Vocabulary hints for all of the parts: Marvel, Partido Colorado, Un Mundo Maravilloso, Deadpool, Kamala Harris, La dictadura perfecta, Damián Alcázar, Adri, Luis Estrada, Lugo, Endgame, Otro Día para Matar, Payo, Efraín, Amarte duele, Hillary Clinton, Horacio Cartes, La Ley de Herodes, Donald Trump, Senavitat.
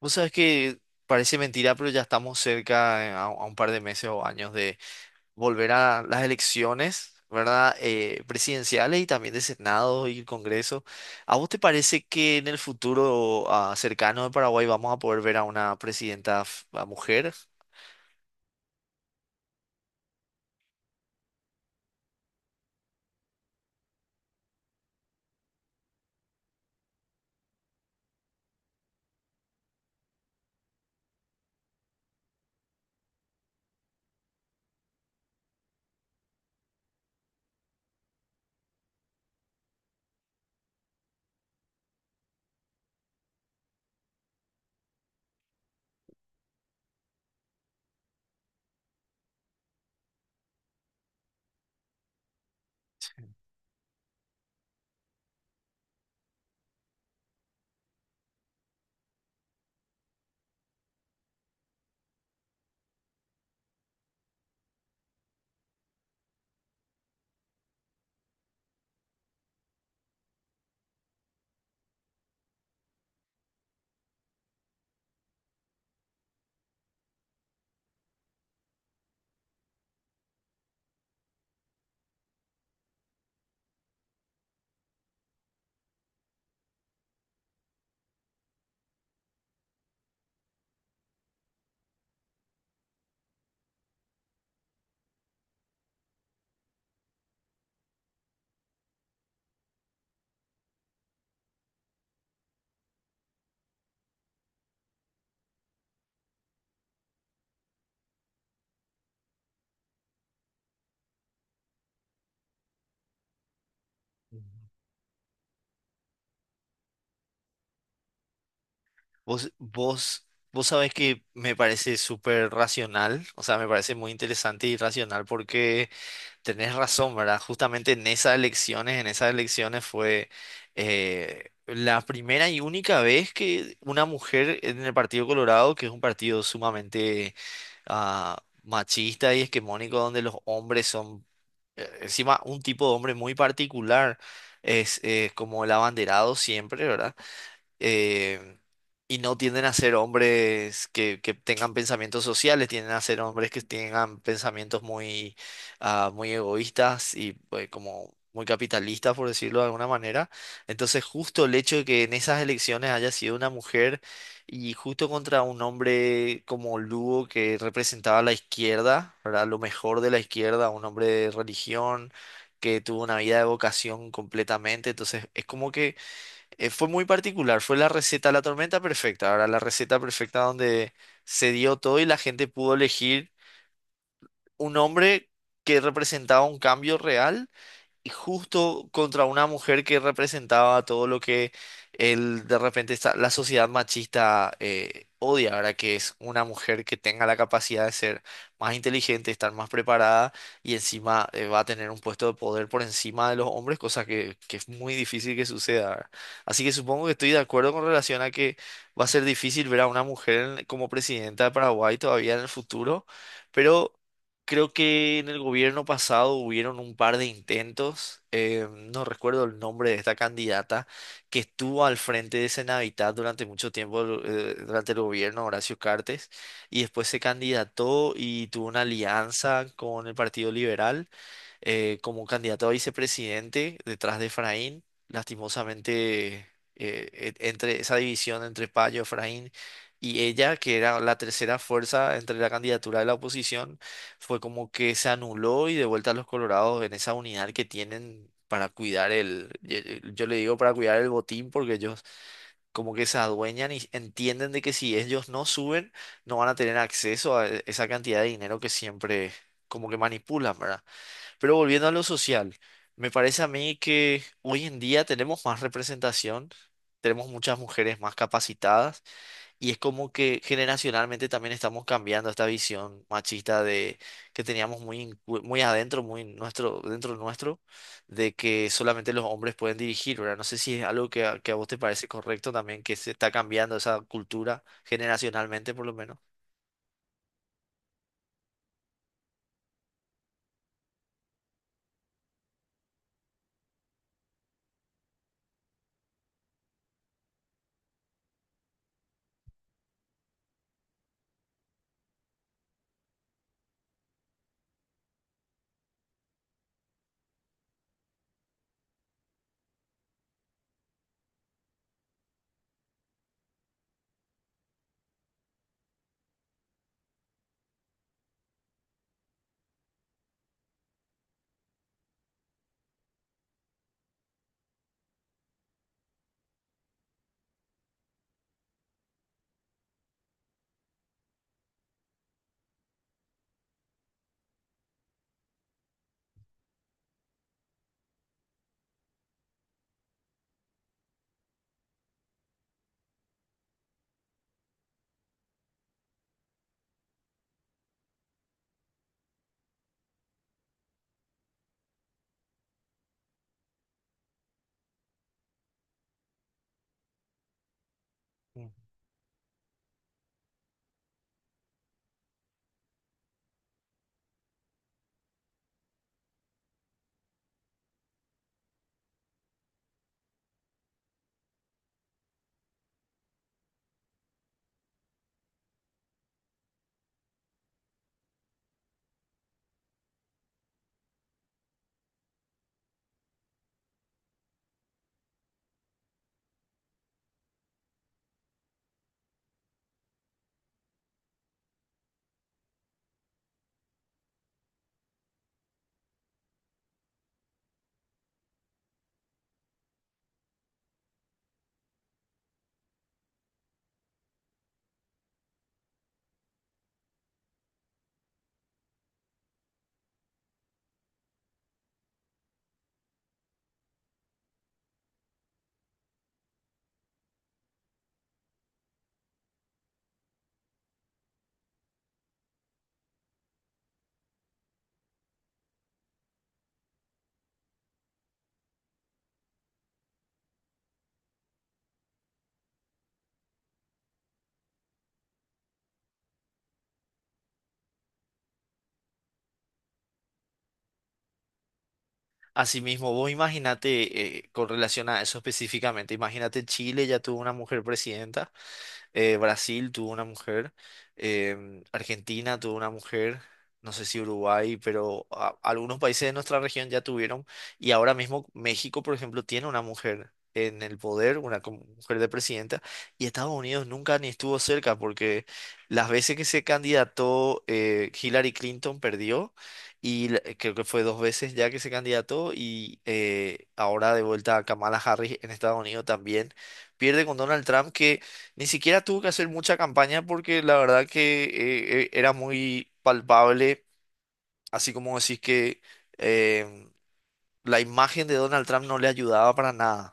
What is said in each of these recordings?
Vos sabés que parece mentira, pero ya estamos cerca a un par de meses o años de volver a las elecciones, ¿verdad? Presidenciales y también de Senado y Congreso. ¿A vos te parece que en el futuro cercano de Paraguay vamos a poder ver a una presidenta f- a mujer? Ujú. Vos sabés que me parece súper racional, o sea, me parece muy interesante y racional porque tenés razón, ¿verdad? Justamente en esas elecciones fue la primera y única vez que una mujer en el Partido Colorado, que es un partido sumamente machista y esquemónico, donde los hombres son, encima, un tipo de hombre muy particular, es como el abanderado siempre, ¿verdad? eh, y no tienden a ser hombres que tengan pensamientos sociales, tienden a ser hombres que tengan pensamientos muy, muy egoístas y pues, como muy capitalistas, por decirlo de alguna manera. Entonces, justo el hecho de que en esas elecciones haya sido una mujer y justo contra un hombre como Lugo que representaba a la izquierda, ¿verdad? Lo mejor de la izquierda, un hombre de religión que tuvo una vida de vocación completamente. Entonces es como que fue muy particular, fue la receta de la tormenta perfecta. Ahora, la receta perfecta donde se dio todo y la gente pudo elegir un hombre que representaba un cambio real y justo contra una mujer que representaba todo lo que el, de repente esta- la sociedad machista odia. Ahora, que es una mujer que tenga la capacidad de ser más inteligente, estar más preparada y encima va a tener un puesto de poder por encima de los hombres, cosa que es muy difícil que suceda, ¿verdad? Así que supongo que estoy de acuerdo con relación a que va a ser difícil ver a una mujer como presidenta de Paraguay todavía en el futuro, pero... Creo que en el gobierno pasado hubieron un par de intentos, no recuerdo el nombre de esta candidata, que estuvo al frente de Senavitat durante mucho tiempo, durante el gobierno de Horacio Cartes, y después se candidató y tuvo una alianza con el Partido Liberal como candidato a vicepresidente detrás de Efraín. Lastimosamente, entre esa división entre Payo, Efraín y ella, que era la tercera fuerza entre la candidatura de la oposición, fue como que se anuló y de vuelta a los colorados en esa unidad que tienen, para cuidar el... Yo le digo para cuidar el botín porque ellos como que se adueñan y entienden de que si ellos no suben, no van a tener acceso a esa cantidad de dinero que siempre como que manipulan, ¿verdad? Pero volviendo a lo social, me parece a mí que hoy en día tenemos más representación, tenemos muchas mujeres más capacitadas y es como que generacionalmente también estamos cambiando esta visión machista de que teníamos muy, muy adentro, muy nuestro, dentro nuestro, de que solamente los hombres pueden dirigir, ¿verdad? No sé si es algo que que a vos te parece correcto también, que se está cambiando esa cultura generacionalmente por lo menos. Mm. Asimismo, vos imagínate, con relación a eso específicamente, imagínate, Chile ya tuvo una mujer presidenta, Brasil tuvo una mujer, Argentina tuvo una mujer, no sé si Uruguay, pero algunos países de nuestra región ya tuvieron, y ahora mismo México, por ejemplo, tiene una mujer en el poder, una como mujer de presidenta, y Estados Unidos nunca ni estuvo cerca porque las veces que se candidató, Hillary Clinton perdió, y creo que fue dos veces ya que se candidató, y ahora de vuelta a Kamala Harris en Estados Unidos también pierde con Donald Trump, que ni siquiera tuvo que hacer mucha campaña porque la verdad que era muy palpable, así como decís, que em, la imagen de Donald Trump no le ayudaba para nada.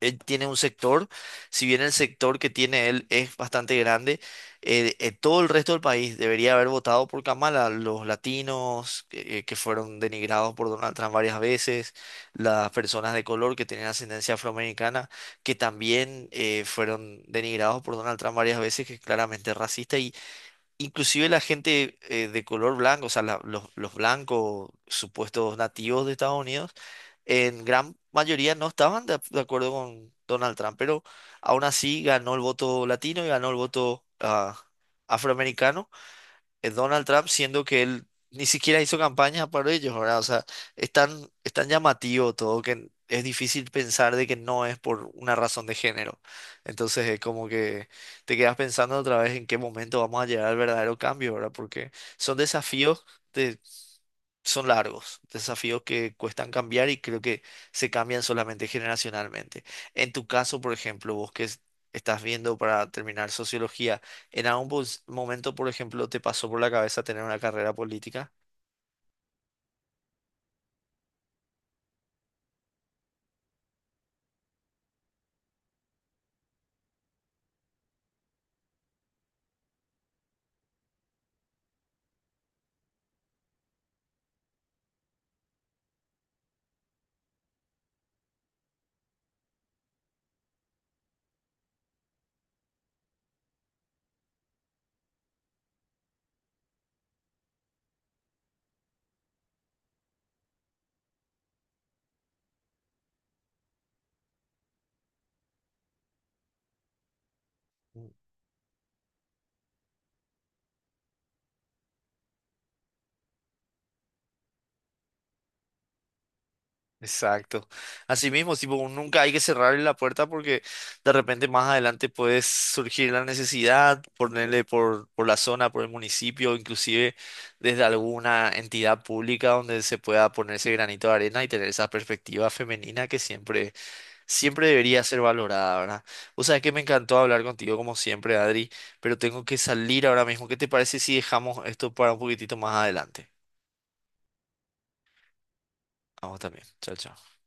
Él tiene un sector, si bien el sector que tiene él es bastante grande, todo el resto del país debería haber votado por Kamala, los latinos que fueron denigrados por Donald Trump varias veces, las personas de color que tienen ascendencia afroamericana, que también fueron denigrados por Donald Trump varias veces, que es claramente racista. Y inclusive la gente de color blanco, o sea, los blancos supuestos nativos de Estados Unidos, en gran mayoría no estaban de acuerdo con Donald Trump, pero aún así ganó el voto latino y ganó el voto afroamericano Donald Trump, siendo que él ni siquiera hizo campaña para ellos, ¿verdad? O sea, es tan llamativo todo que es difícil pensar de que no es por una razón de género. Entonces es como que te quedas pensando otra vez en qué momento vamos a llegar al verdadero cambio, ¿verdad? Porque son desafíos de, son largos, desafíos que cuestan cambiar y creo que se cambian solamente generacionalmente. En tu caso, por ejemplo, vos que estás viendo para terminar sociología, ¿en algún momento, por ejemplo, te pasó por la cabeza tener una carrera política? Exacto. Así mismo, tipo, nunca hay que cerrarle la puerta porque de repente más adelante puede surgir la necesidad, ponerle por la zona, por el municipio, inclusive desde alguna entidad pública donde se pueda ponerse granito de arena y tener esa perspectiva femenina que siempre debería ser valorada, ¿verdad? O sea, es que me encantó hablar contigo como siempre, Adri, pero tengo que salir ahora mismo. ¿Qué te parece si dejamos esto para un poquitito más adelante? Vamos también. Chao, chao.